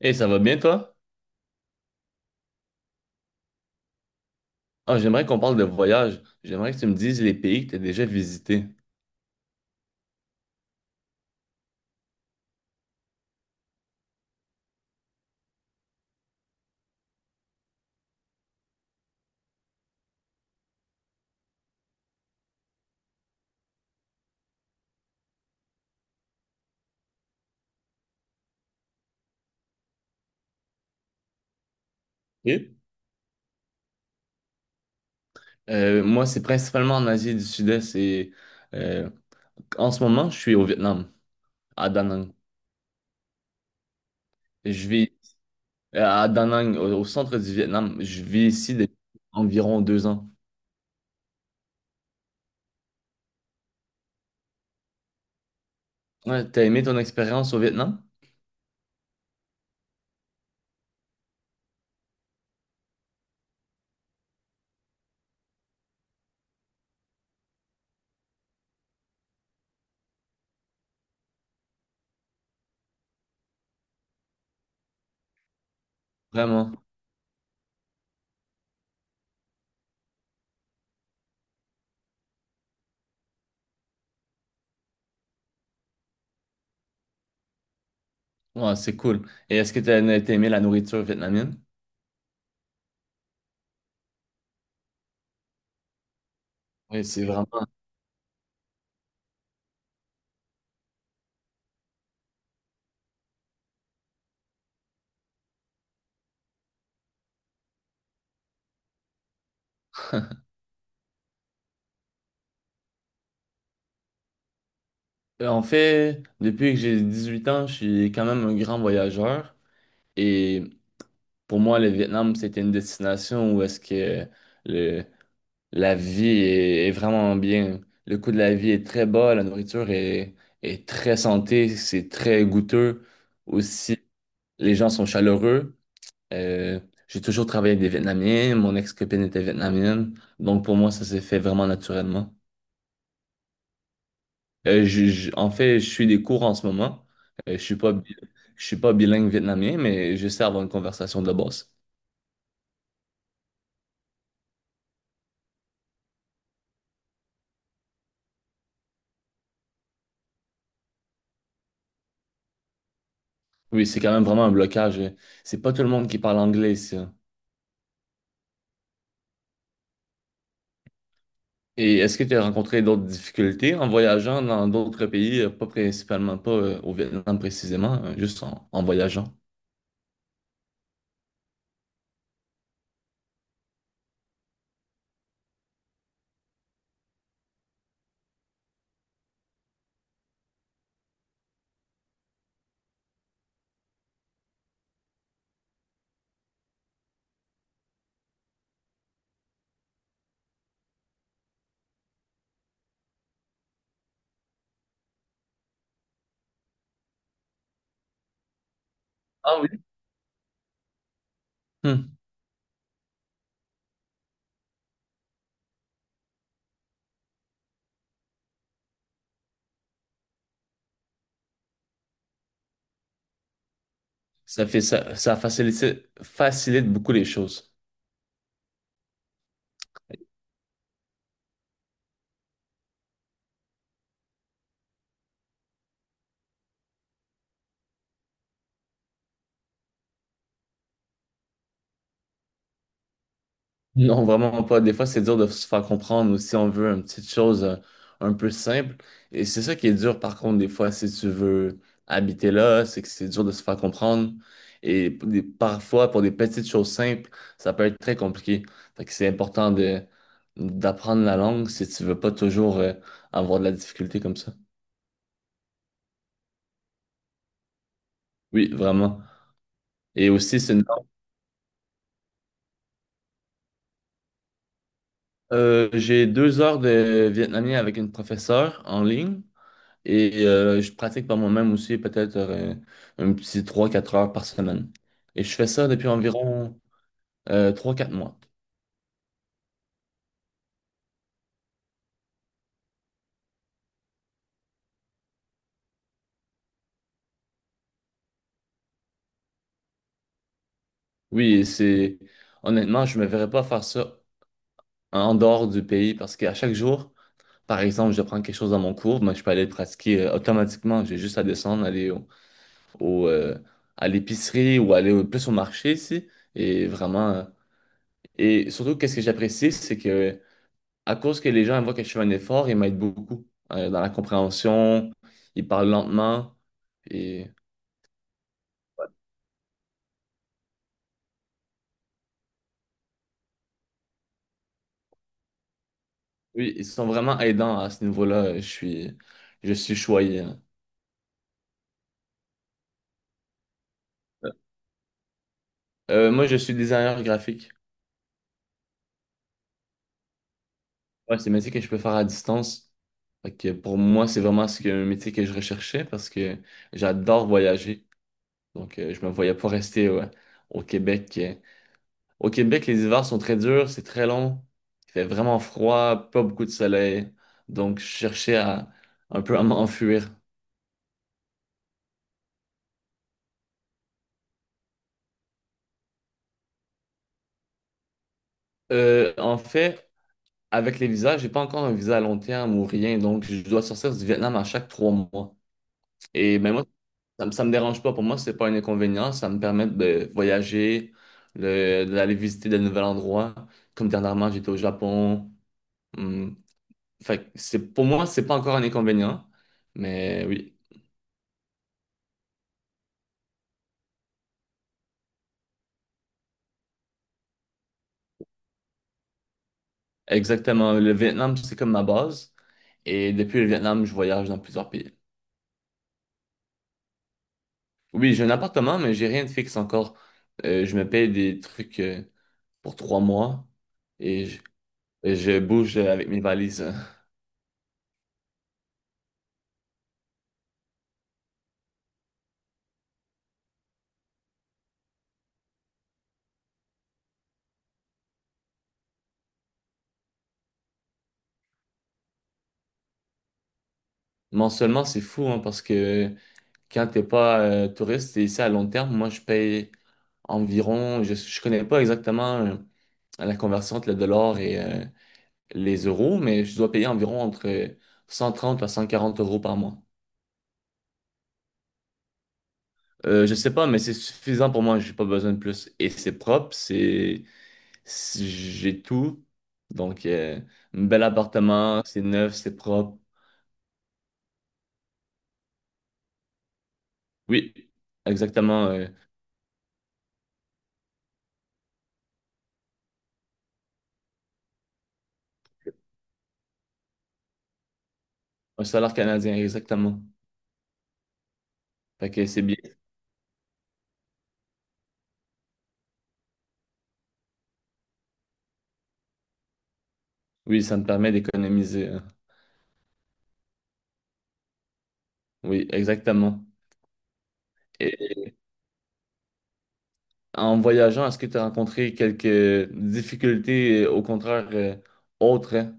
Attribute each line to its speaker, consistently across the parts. Speaker 1: Et ça va bien, toi? Ah, j'aimerais qu'on parle de voyage. J'aimerais que tu me dises les pays que tu as déjà visités. Et? Moi, c'est principalement en Asie du Sud-Est et euh, en ce moment, je suis au Vietnam, à Da Nang. Je vis à Da Nang, au centre du Vietnam. Je vis ici depuis environ 2 ans. Ouais, t'as aimé ton expérience au Vietnam? Vraiment. Ouais, c'est cool. Et est-ce que t'as aimé la nourriture vietnamienne? Oui, c'est vraiment. En fait, depuis que j'ai 18 ans, je suis quand même un grand voyageur. Et pour moi, le Vietnam, c'était une destination où est-ce que le, la vie est vraiment bien. Le coût de la vie est très bas, est très santé, c'est très goûteux. Aussi, les gens sont chaleureux. Euh, j'ai toujours travaillé avec des Vietnamiens, mon ex-copine était vietnamienne, donc pour moi, ça s'est fait vraiment naturellement. En fait, je suis des cours en ce moment. Euh, je suis pas, bi- je suis pas bilingue vietnamien, mais je sais avoir une conversation de base. Oui, c'est quand même vraiment un blocage. C'est pas tout le monde qui parle anglais, ça. Et est-ce que tu as rencontré d'autres difficultés en voyageant dans d'autres pays, pas principalement, pas au Vietnam précisément, juste en voyageant? Ah oui. Hmm. Ça fait ça facilite, facilite beaucoup les choses. Non, vraiment pas. Des fois, c'est dur de se faire comprendre ou si on veut une petite chose un peu simple. Et c'est ça qui est dur, par contre, des fois, si tu veux habiter là, c'est que c'est dur de se faire comprendre. Et parfois, pour des petites choses simples, ça peut être très compliqué. Fait que c'est important de d'apprendre la langue si tu veux pas toujours avoir de la difficulté comme ça. Oui, vraiment. Et aussi, euh, j'ai 2 heures de vietnamien avec une professeure en ligne. Et je pratique par moi-même aussi peut-être un petit 3 4 heures par semaine. Et je fais ça depuis environ 3-4 mois. Oui, et c'est honnêtement, je ne me verrais pas faire ça en dehors du pays parce qu'à chaque jour, par exemple, je prends quelque chose dans mon cours, mais je peux aller le pratiquer automatiquement. J'ai juste à descendre, au, euh, à l'épicerie ou plus au marché ici. Et vraiment, et surtout, qu'est-ce que j'apprécie, c'est que à cause que les gens ils voient que je fais un effort, ils m'aident beaucoup dans la compréhension, ils parlent lentement et oui, ils sont vraiment aidants à ce niveau-là. Je suis choyé, hein. Moi, je suis designer graphique. Ouais, c'est un métier que je peux faire à distance. Fait que pour moi, c'est vraiment un métier que je recherchais parce que j'adore voyager. Donc, je me voyais pas rester ouais, au Québec. Au Québec, les hivers sont très durs, c'est très long, il fait vraiment froid, pas beaucoup de soleil, donc je cherchais à un peu à m'enfuir. En fait, avec les visas, j'ai pas encore un visa à long terme ou rien, donc je dois sortir du Vietnam à chaque 3 mois. Et ben moi, ça me dérange pas. Pour moi, c'est pas un inconvénient. Ça me permet de voyager, d'aller visiter de nouveaux endroits. Comme dernièrement, j'étais au Japon. Hum. Fait que c'est pour moi, c'est pas encore un inconvénient, mais oui. Exactement. Le Vietnam, c'est comme ma base. Et depuis le Vietnam, je voyage dans plusieurs pays. Oui, j'ai un appartement, mais j'ai rien de fixe encore. Je me paye des trucs pour 3 mois et et je bouge avec mes valises. Mensuellement, c'est fou hein, parce que quand t'es pas touriste, et ici à long terme. Moi, je paye environ, je connais pas exactement la conversion entre le dollar et les euros, mais je dois payer environ entre 130 à 140 euros par mois. Je sais pas, mais c'est suffisant pour moi. J'ai pas besoin de plus. Et c'est propre, j'ai tout. Donc, un bel appartement, c'est neuf, c'est propre. Oui, exactement. Un salaire canadien, exactement. Fait que c'est bien. Oui, ça me permet d'économiser, hein. Oui, exactement. Et en voyageant, est-ce que tu as rencontré quelques difficultés, au contraire, autres, hein?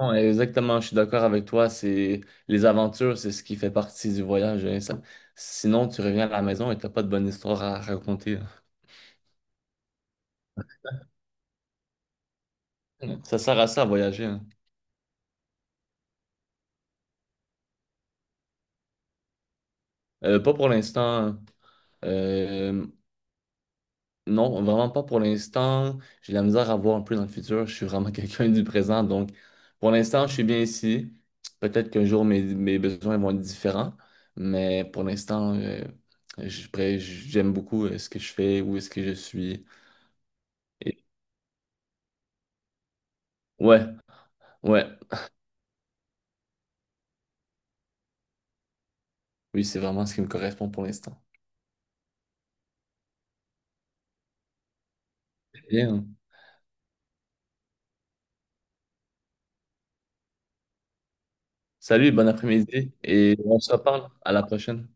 Speaker 1: Non, exactement, je suis d'accord avec toi. C'est les aventures, c'est ce qui fait partie du voyage, hein. Sinon, tu reviens à la maison et t'as pas de bonne histoire à raconter, hein. Ça sert à ça à voyager, hein. Pas pour l'instant. Euh, non, vraiment pas pour l'instant. J'ai de la misère à voir un peu dans le futur. Je suis vraiment quelqu'un du présent. Donc, pour l'instant, je suis bien ici. Peut-être qu'un jour, mes besoins vont être différents. Mais pour l'instant, je- j'aime beaucoup ce que je fais, où est-ce que je suis. Et ouais. Ouais, oui, c'est vraiment ce qui me correspond pour l'instant. Bien. Salut, bon après-midi et on se reparle. À la prochaine.